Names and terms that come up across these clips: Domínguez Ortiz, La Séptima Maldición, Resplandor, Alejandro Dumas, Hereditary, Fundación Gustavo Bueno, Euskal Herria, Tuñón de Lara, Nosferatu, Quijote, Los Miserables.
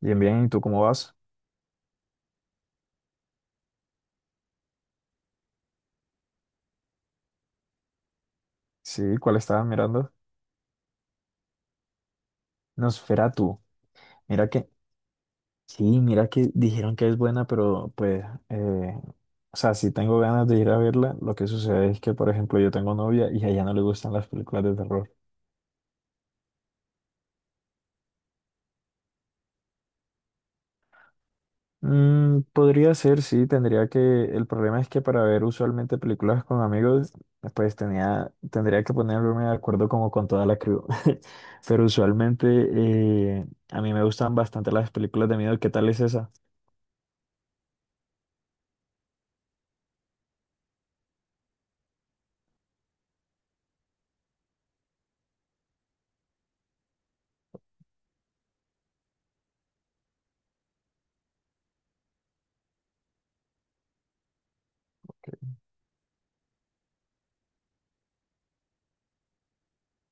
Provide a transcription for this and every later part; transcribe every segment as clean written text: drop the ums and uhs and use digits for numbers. Bien, bien, ¿y tú cómo vas? Sí, ¿cuál estabas mirando? Nosferatu. Mira que, sí, mira que dijeron que es buena, pero pues, eh, o sea, si tengo ganas de ir a verla. Lo que sucede es que, por ejemplo, yo tengo novia y a ella no le gustan las películas de terror. Podría ser, sí, el problema es que para ver usualmente películas con amigos, pues tendría que ponerme de acuerdo como con toda la crew. Pero usualmente a mí me gustan bastante las películas de miedo. ¿Qué tal es esa?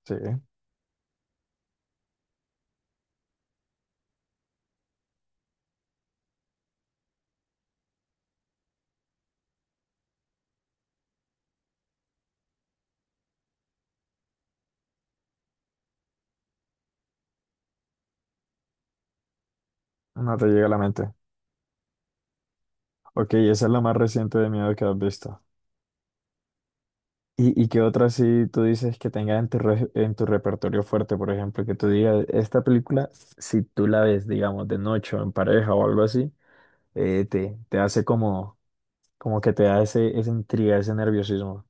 Sí. No te llega a la mente. Ok, esa es la más reciente de miedo que has visto. ¿Y qué otra sí tú dices que tenga en tu repertorio fuerte, por ejemplo, que tú digas, esta película, si tú la ves, digamos, de noche o en pareja o algo así, te hace como, que te da esa intriga, ese nerviosismo?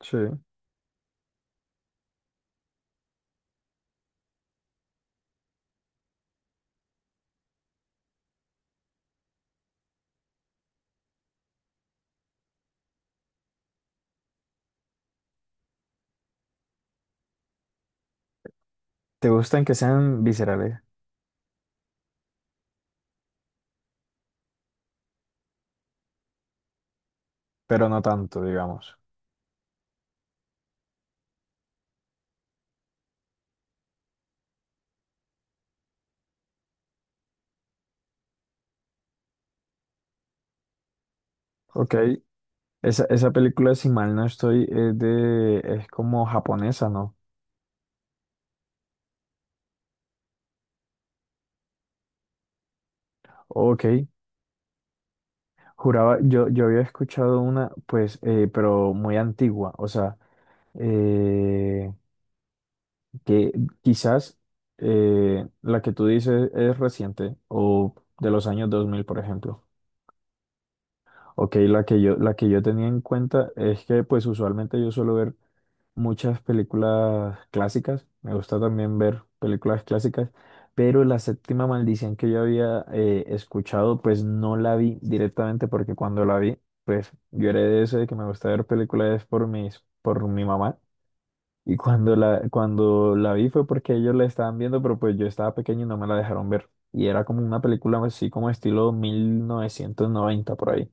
Sí. Te gustan que sean viscerales, pero no tanto, digamos. Ok, esa película, si mal no estoy, es como japonesa, ¿no? Ok. Juraba, yo había escuchado una, pues, pero muy antigua, o sea, eh, que quizás la que tú dices es reciente o de los años 2000, por ejemplo. Ok, la que yo tenía en cuenta es que pues usualmente yo suelo ver muchas películas clásicas, me gusta también ver películas clásicas, pero la séptima maldición que yo había escuchado pues no la vi directamente porque cuando la vi pues yo era de ese de que me gusta ver películas por por mi mamá y cuando la vi fue porque ellos la estaban viendo pero pues yo estaba pequeño y no me la dejaron ver y era como una película así como estilo 1990 por ahí.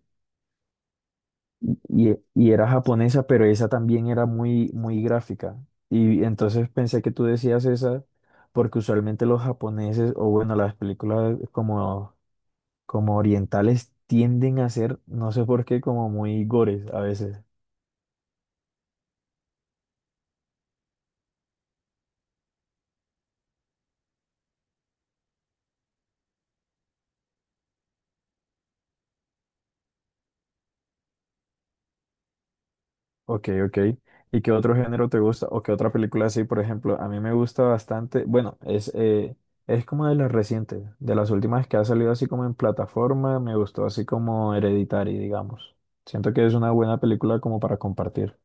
Y era japonesa, pero esa también era muy, muy gráfica. Y entonces pensé que tú decías esa, porque usualmente los japoneses, o bueno, las películas como orientales tienden a ser, no sé por qué, como muy gores a veces. Ok, ok. ¿Y qué otro género te gusta? ¿O qué otra película así, por ejemplo? A mí me gusta bastante, bueno, es como de las recientes, de las últimas que ha salido así como en plataforma, me gustó así como Hereditary, digamos. Siento que es una buena película como para compartir.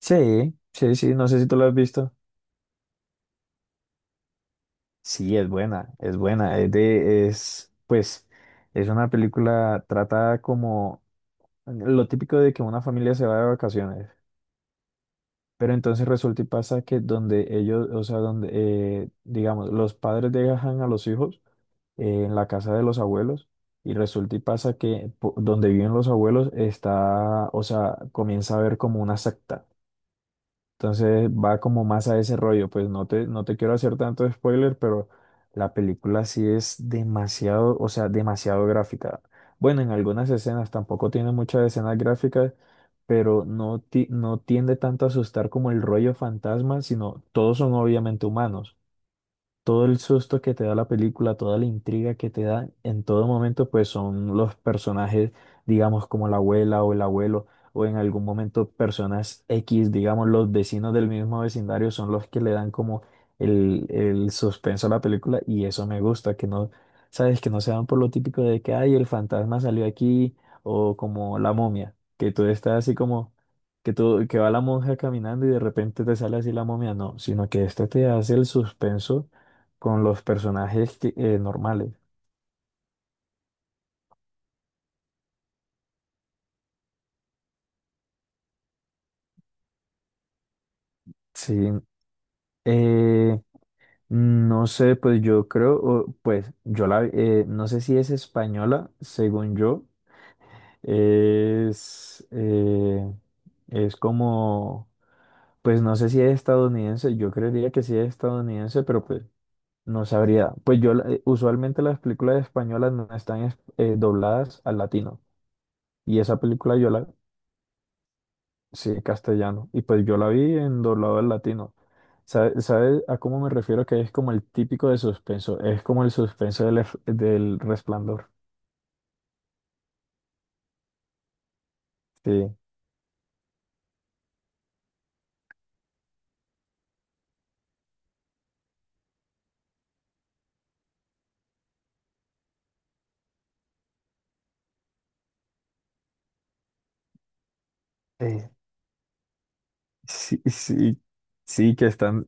Sí, sí, sí, no sé si tú la has visto. Sí, es buena, es buena. Pues, es una película tratada como lo típico de que una familia se va de vacaciones. Pero entonces resulta y pasa que donde ellos, o sea, donde, digamos, los padres dejan a los hijos en la casa de los abuelos y resulta y pasa que donde viven los abuelos está, o sea, comienza a haber como una secta. Entonces va como más a ese rollo, pues no te quiero hacer tanto spoiler, pero la película sí es demasiado, o sea, demasiado gráfica. Bueno, en algunas escenas tampoco tiene muchas escenas gráficas, pero no, no tiende tanto a asustar como el rollo fantasma, sino todos son obviamente humanos. Todo el susto que te da la película, toda la intriga que te da en todo momento, pues son los personajes, digamos, como la abuela o el abuelo, o en algún momento personas X, digamos, los vecinos del mismo vecindario son los que le dan como el suspenso a la película y eso me gusta, que no, sabes, que no se van por lo típico de que, ay, el fantasma salió aquí o como la momia, que tú estás así como... Que, tú, que va la monja caminando y de repente te sale así la momia, no, sino que este te hace el suspenso con los personajes normales. Sí. Eh, no sé, pues yo creo, pues no sé si es española, según yo, es, eh, es como, pues no sé si es estadounidense, yo creería que sí es estadounidense, pero pues no sabría. Pues yo, usualmente las películas españolas no están dobladas al latino, y esa película. Sí, castellano. Y pues yo la vi en doblado al latino. ¿Sabes a cómo me refiero? Que es como el típico de suspenso. Es como el suspenso del Resplandor. Sí. Sí. Sí, sí, sí, que están.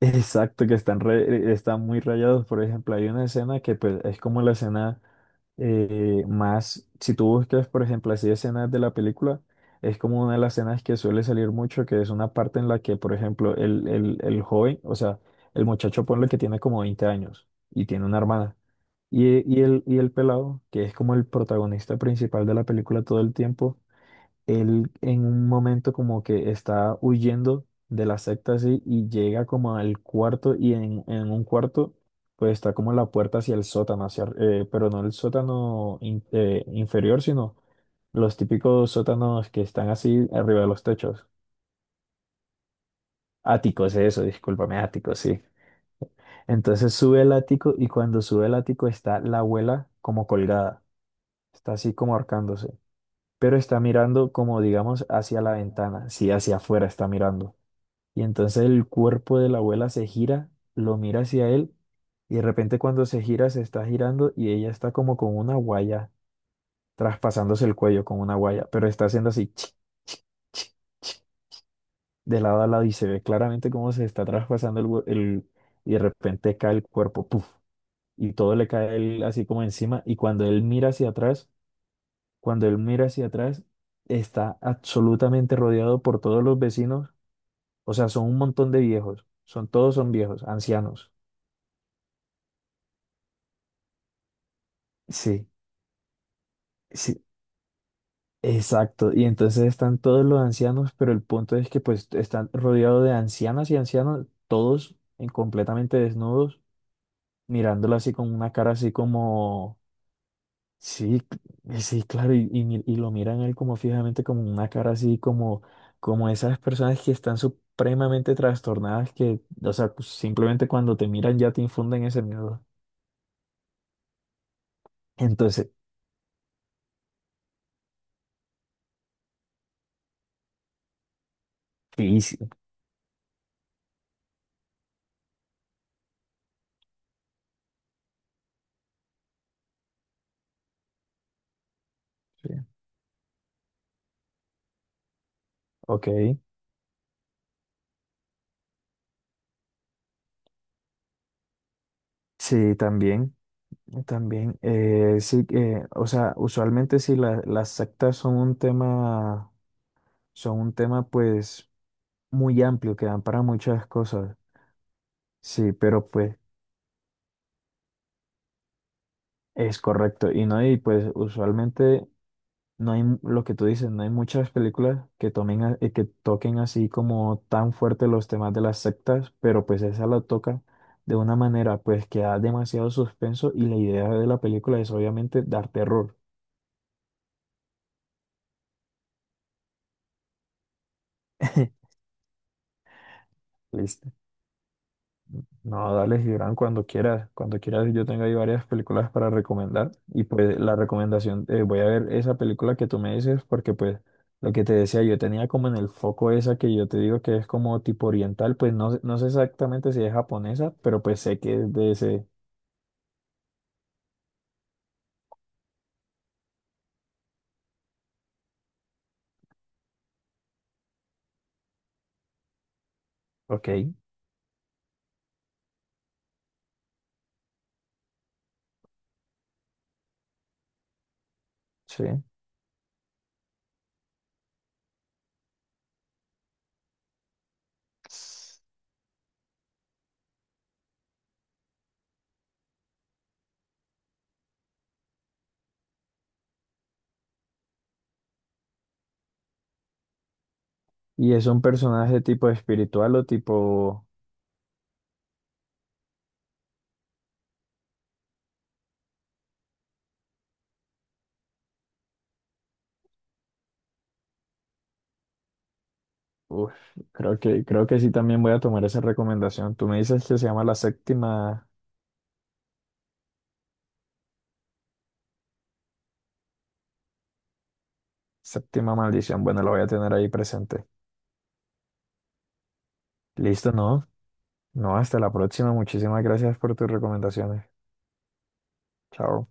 Exacto, que están muy rayados. Por ejemplo, hay una escena que pues, es como la escena más, si tú buscas, por ejemplo, así escenas de la película, es como una de las escenas que suele salir mucho, que es una parte en la que, por ejemplo, el joven, o sea, el muchacho ponle que tiene como 20 años y tiene una hermana. Y el pelado, que es como el protagonista principal de la película todo el tiempo, él en un momento como que está huyendo de la secta así y llega como al cuarto y en un cuarto pues está como la puerta hacia el sótano, hacia, pero no el sótano inferior, sino los típicos sótanos que están así arriba de los techos. Áticos, eso, discúlpame, áticos, sí. Entonces sube el ático y cuando sube el ático está la abuela como colgada, está así como ahorcándose, pero está mirando como digamos hacia la ventana, sí, hacia afuera está mirando. Y entonces el cuerpo de la abuela se gira, lo mira hacia él y de repente cuando se gira se está girando y ella está como con una guaya, traspasándose el cuello con una guaya, pero está haciendo así chic, chic, chic, de lado a lado y se ve claramente cómo se está traspasando el, hue- el- y de repente cae el cuerpo, puff, y todo le cae a él así como encima y cuando él mira hacia atrás, cuando él mira hacia atrás, está absolutamente rodeado por todos los vecinos, o sea, son un montón de viejos, son todos son viejos, ancianos. Sí, sí, exacto. Y entonces están todos los ancianos, pero el punto es que pues están rodeados de ancianas y ancianos, todos en completamente desnudos, mirándolo así con una cara así como, sí, sí, claro, y lo miran a él como fijamente, como una cara así como, como esas personas que están supremamente trastornadas, que, o sea, pues, simplemente cuando te miran ya te infunden ese miedo. Entonces, sí, sí, sí, ok, sí, también. También, sí que, o sea, usualmente sí las sectas son un tema, pues muy amplio, que dan para muchas cosas. Sí, pero pues es correcto. Y no, y pues usualmente no hay lo que tú dices, no hay muchas películas que tomen, que toquen así como tan fuerte los temas de las sectas, pero pues esa la toca de una manera pues que da demasiado suspenso y la idea de la película es obviamente dar terror. Listo. No, dale, Gibran, cuando quieras. Cuando quieras, yo tengo ahí varias películas para recomendar. Y pues la recomendación, voy a ver esa película que tú me dices, porque pues lo que te decía, yo tenía como en el foco esa que yo te digo que es como tipo oriental, pues no, no sé exactamente si es japonesa, pero pues sé que es de ese. Ok, sí. Y es un personaje tipo espiritual o tipo... Uf, creo que sí también voy a tomar esa recomendación. Tú me dices que se llama La Séptima, Séptima Maldición. Bueno, lo voy a tener ahí presente. Listo, no. No, hasta la próxima. Muchísimas gracias por tus recomendaciones. Chao.